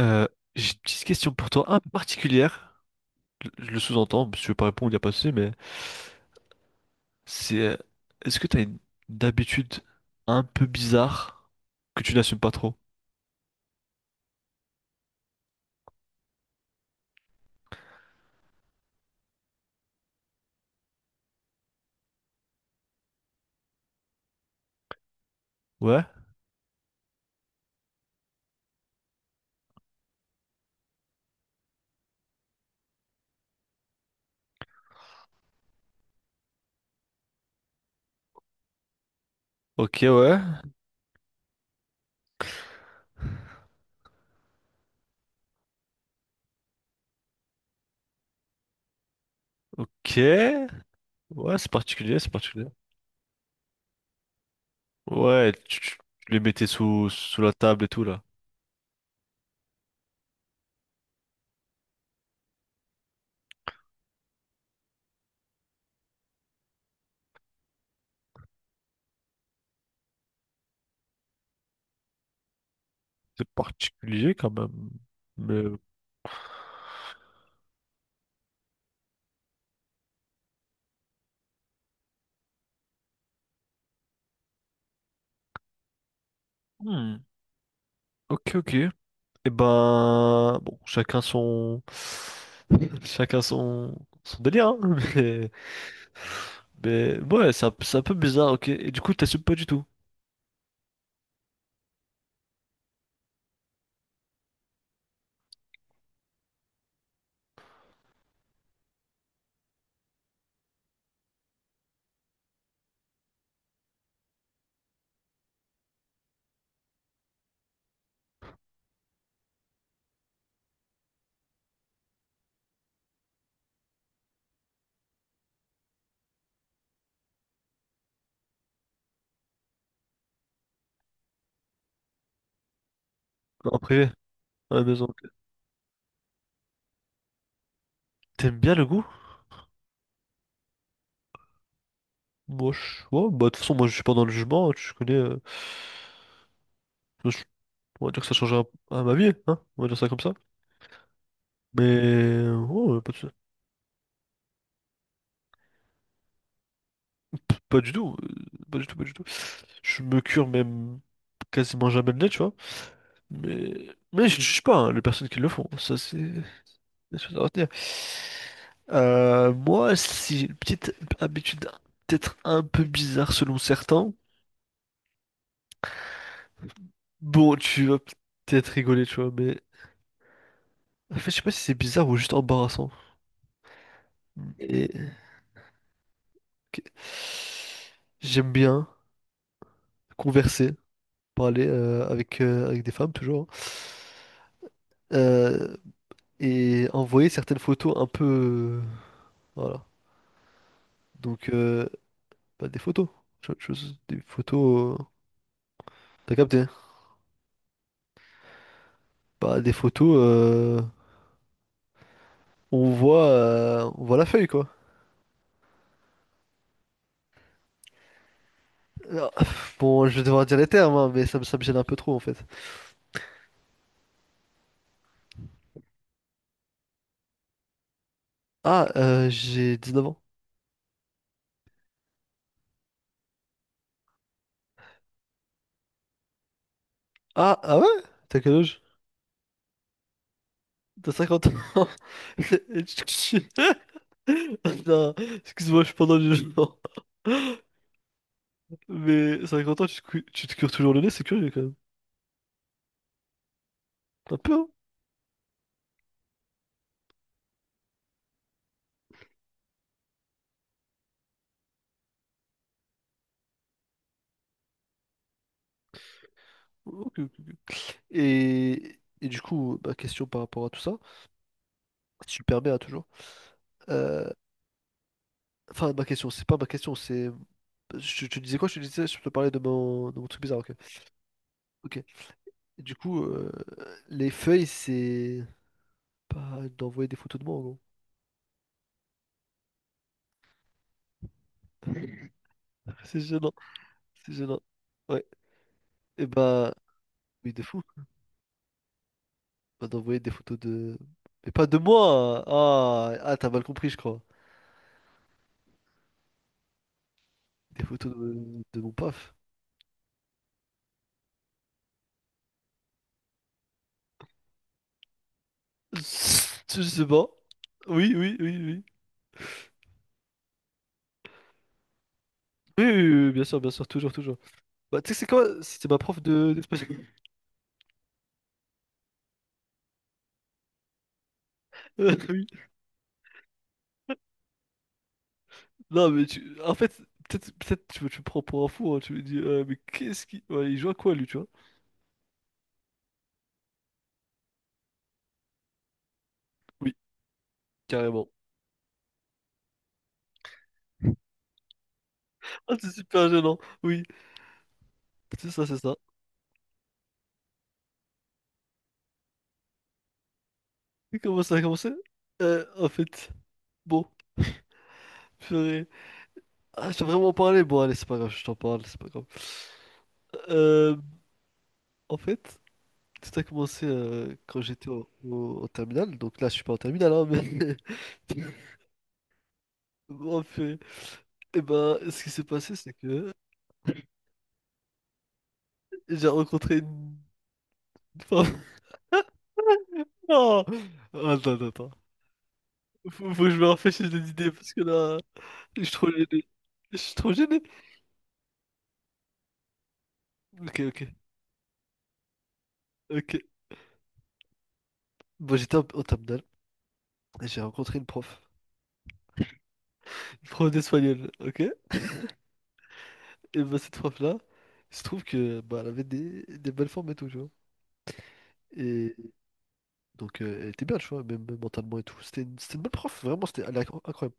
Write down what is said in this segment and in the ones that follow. Euh, j'ai une petite question pour toi, un peu particulière. Je le sous-entends, si tu veux pas répondre, il n'y a pas de souci, mais c'est est-ce que tu as une habitude un peu bizarre que tu n'assumes pas trop? Ouais, ok, ouais, ok, ouais, c'est particulier, c'est particulier. Ouais, tu les mettais sous la table et tout là. C'est particulier quand même. Mais. Hmm, ok, ok. Eh ben, bon, chacun son, chacun son, son délire, hein, mais, mais ouais, c'est c'est un peu bizarre, ok. Et du coup, t'assumes pas du tout, en privé, à la maison. Ok. T'aimes bien le goût? Moi, ouais, bah, de toute façon, moi, je suis pas dans le jugement, hein, tu connais. Je- on va dire que ça change à ma vie, hein, on va dire ça comme ça. Mais ouais, pas du tout, pas du tout, pas du tout. Je me cure même quasiment jamais le nez, tu vois. Mais je ne juge pas hein, les personnes qui le font. Ça, c'est des choses à retenir. Moi, si j'ai une petite habitude peut-être un peu bizarre selon certains, bon, tu vas peut-être rigoler, tu vois, mais en fait, je sais pas si c'est bizarre ou juste embarrassant. Et ok. J'aime bien converser, parler avec, avec des femmes toujours, hein. Euh, et envoyer certaines photos un peu, voilà. Donc, bah, des photos. Tu vois, des photos, t'as capté? Hein. Bah, des photos. On voit, on voit la feuille, quoi. Alors, bon, je vais devoir dire les termes, hein, mais ça me gêne un peu trop, en fait. Ah, j'ai 9 ans. Ah, ah ouais? T'as quel âge? T'as 50 ans. Non, excuse-moi, je suis pendant le jugement. Mais 50 ans, tu te cures toujours le nez, c'est curieux, quand même. Un peu, hein? Ok, ok, ok. Et du coup, ma question par rapport à tout ça, super bien, toujours. Euh, Enfin, ma question, c'est pas ma question, c'est. Je te disais quoi? Je te disais, je te parlais de de mon truc bizarre, ok. Ok. Et du coup, les feuilles, c'est. Pas d'envoyer des photos de moi, en gros. C'est gênant. C'est gênant. Ouais. Et bah. Oui, de fou. Bah, d'envoyer des photos de. Mais pas de moi! Ah, t'as mal compris, je crois. Des photos de mon paf. Je sais pas. Oui, oui, oui, oui. Oui, oui, oui, oui, bien sûr, toujours, toujours. Bah, tu sais, c'est quoi? C'était ma prof de d'espagnol. Non, mais en fait, peut-être tu me prends pour un fou, hein, tu me dis, mais qu'est-ce qui. Ouais, il joue à quoi lui, tu vois? Oui, carrément. Ah, c'est super gênant, oui, c'est ça, c'est ça. Et comment ça a commencé? En fait, bon, purée. Ah, je t'ai vraiment parlé, bon, allez, c'est pas grave, je t'en parle, c'est pas grave. Euh, en fait, tout a commencé quand j'étais au terminal, donc là, je suis pas en terminal, hein. mais. Bon, purée. Et ben, ce qui s'est passé, c'est que j'ai rencontré une femme. Non! Oh, attends, attends, attends. Faut que je me rafraîchisse des idées parce que là, je suis trop gêné. Je suis trop gêné. Ok, ok, ok. Bon, j'étais en terminale et j'ai rencontré une prof. Une prof d'espagnol, ok? Et bah, cette prof-là, il se trouve que bah, elle avait des belles formes et tout, tu vois. Et donc, elle était bien, tu vois, même mentalement et tout. C'était une bonne prof, vraiment, c'était, elle est incroyable.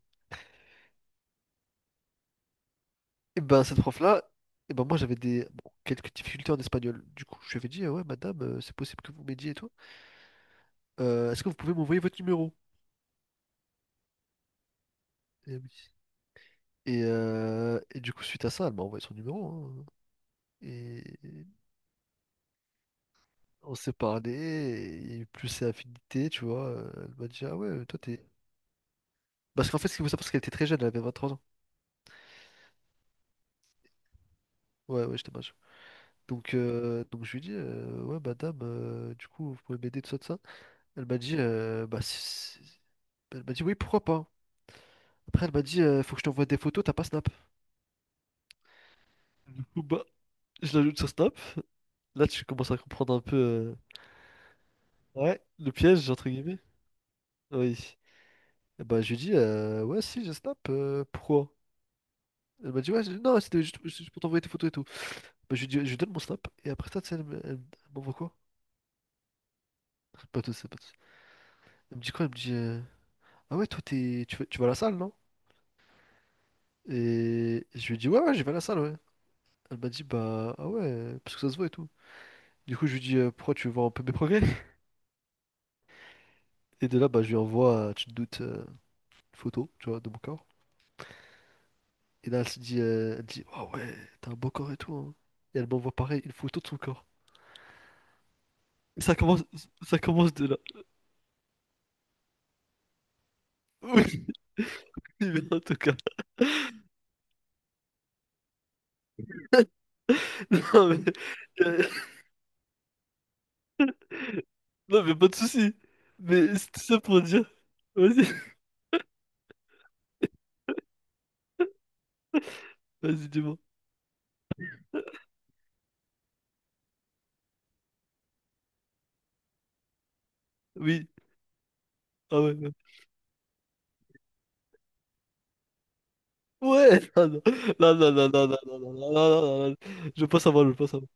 Et ben, cette prof-là, et ben, moi, j'avais des bon, quelques difficultés en espagnol. Du coup, je lui avais dit, ah ouais, madame, c'est possible que vous m'aidiez et tout. Est-ce que vous pouvez m'envoyer votre numéro? Et, oui. Et du coup, suite à ça, elle m'a envoyé son numéro. Hein. Et on s'est parlé, et il y a eu plus ses affinités, tu vois. Elle m'a dit, ah ouais, toi t'es. Parce qu'en fait, ce qu'il faut savoir, c'est qu'elle était très jeune, elle avait 23 ans. Ouais, ouais, j'étais mage. Donc, donc je lui ai dit, ouais, madame, du coup, vous pouvez m'aider, tout ça, tout ça. Elle m'a dit, bah, si- elle m'a dit, oui, pourquoi pas. Après, elle m'a dit, faut que je t'envoie des photos, t'as pas Snap. Du coup, bah, je l'ajoute sur Snap. Là, tu commences à comprendre un peu, ouais, le piège, entre guillemets. Oui. Bah, je lui dis, ouais, si, j'ai snap, pourquoi? Elle m'a dit, ouais, non, c'était juste pour t'envoyer tes photos et tout. Bah, je lui dis, je lui donne mon snap, et après ça, tu sais, elle m'envoie quoi? Pas tout, ça pas tout. Ça. Elle me dit quoi? Elle me dit, ah ouais, toi, t'es, tu vas à la salle, non? Et je lui dis, ouais, ouais, je vais à la salle, ouais. Elle m'a dit, bah, ah ouais, parce que ça se voit et tout. Du coup, je lui dis, pourquoi tu veux voir un peu mes progrès? Et de là, bah, je lui envoie, tu te doutes, une photo, tu vois, de mon corps. Et là, elle se dit, elle dit, ah ouais, t'as un beau corps et tout, hein. Et elle m'envoie pareil, une photo de son corps. Ça commence, ça commence de là. Oui, mais en tout cas. Non, mais, euh, non, mais pas de soucis. Mais c'est tout ça pour dire. Vas-y, vas-y, dis-moi. Oui. Ah ouais. Ouais, ouais, non, non, non, non, non, non, non, non, non, non, non, non, non. Je veux pas savoir, je veux pas savoir.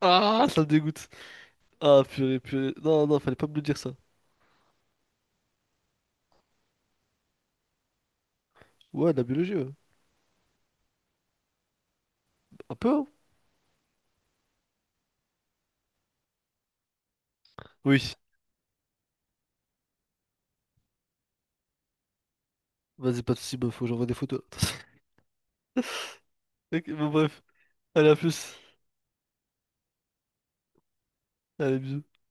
Ah, ça me dégoûte. Ah, purée, purée. Non, non, fallait pas me le dire ça. Ouais, la biologie, ouais. Un peu, hein. Oui. Vas-y, pas de soucis, bah, faut que j'envoie des photos. Ok, bon, bref. Allez, à plus. Allez, bisous.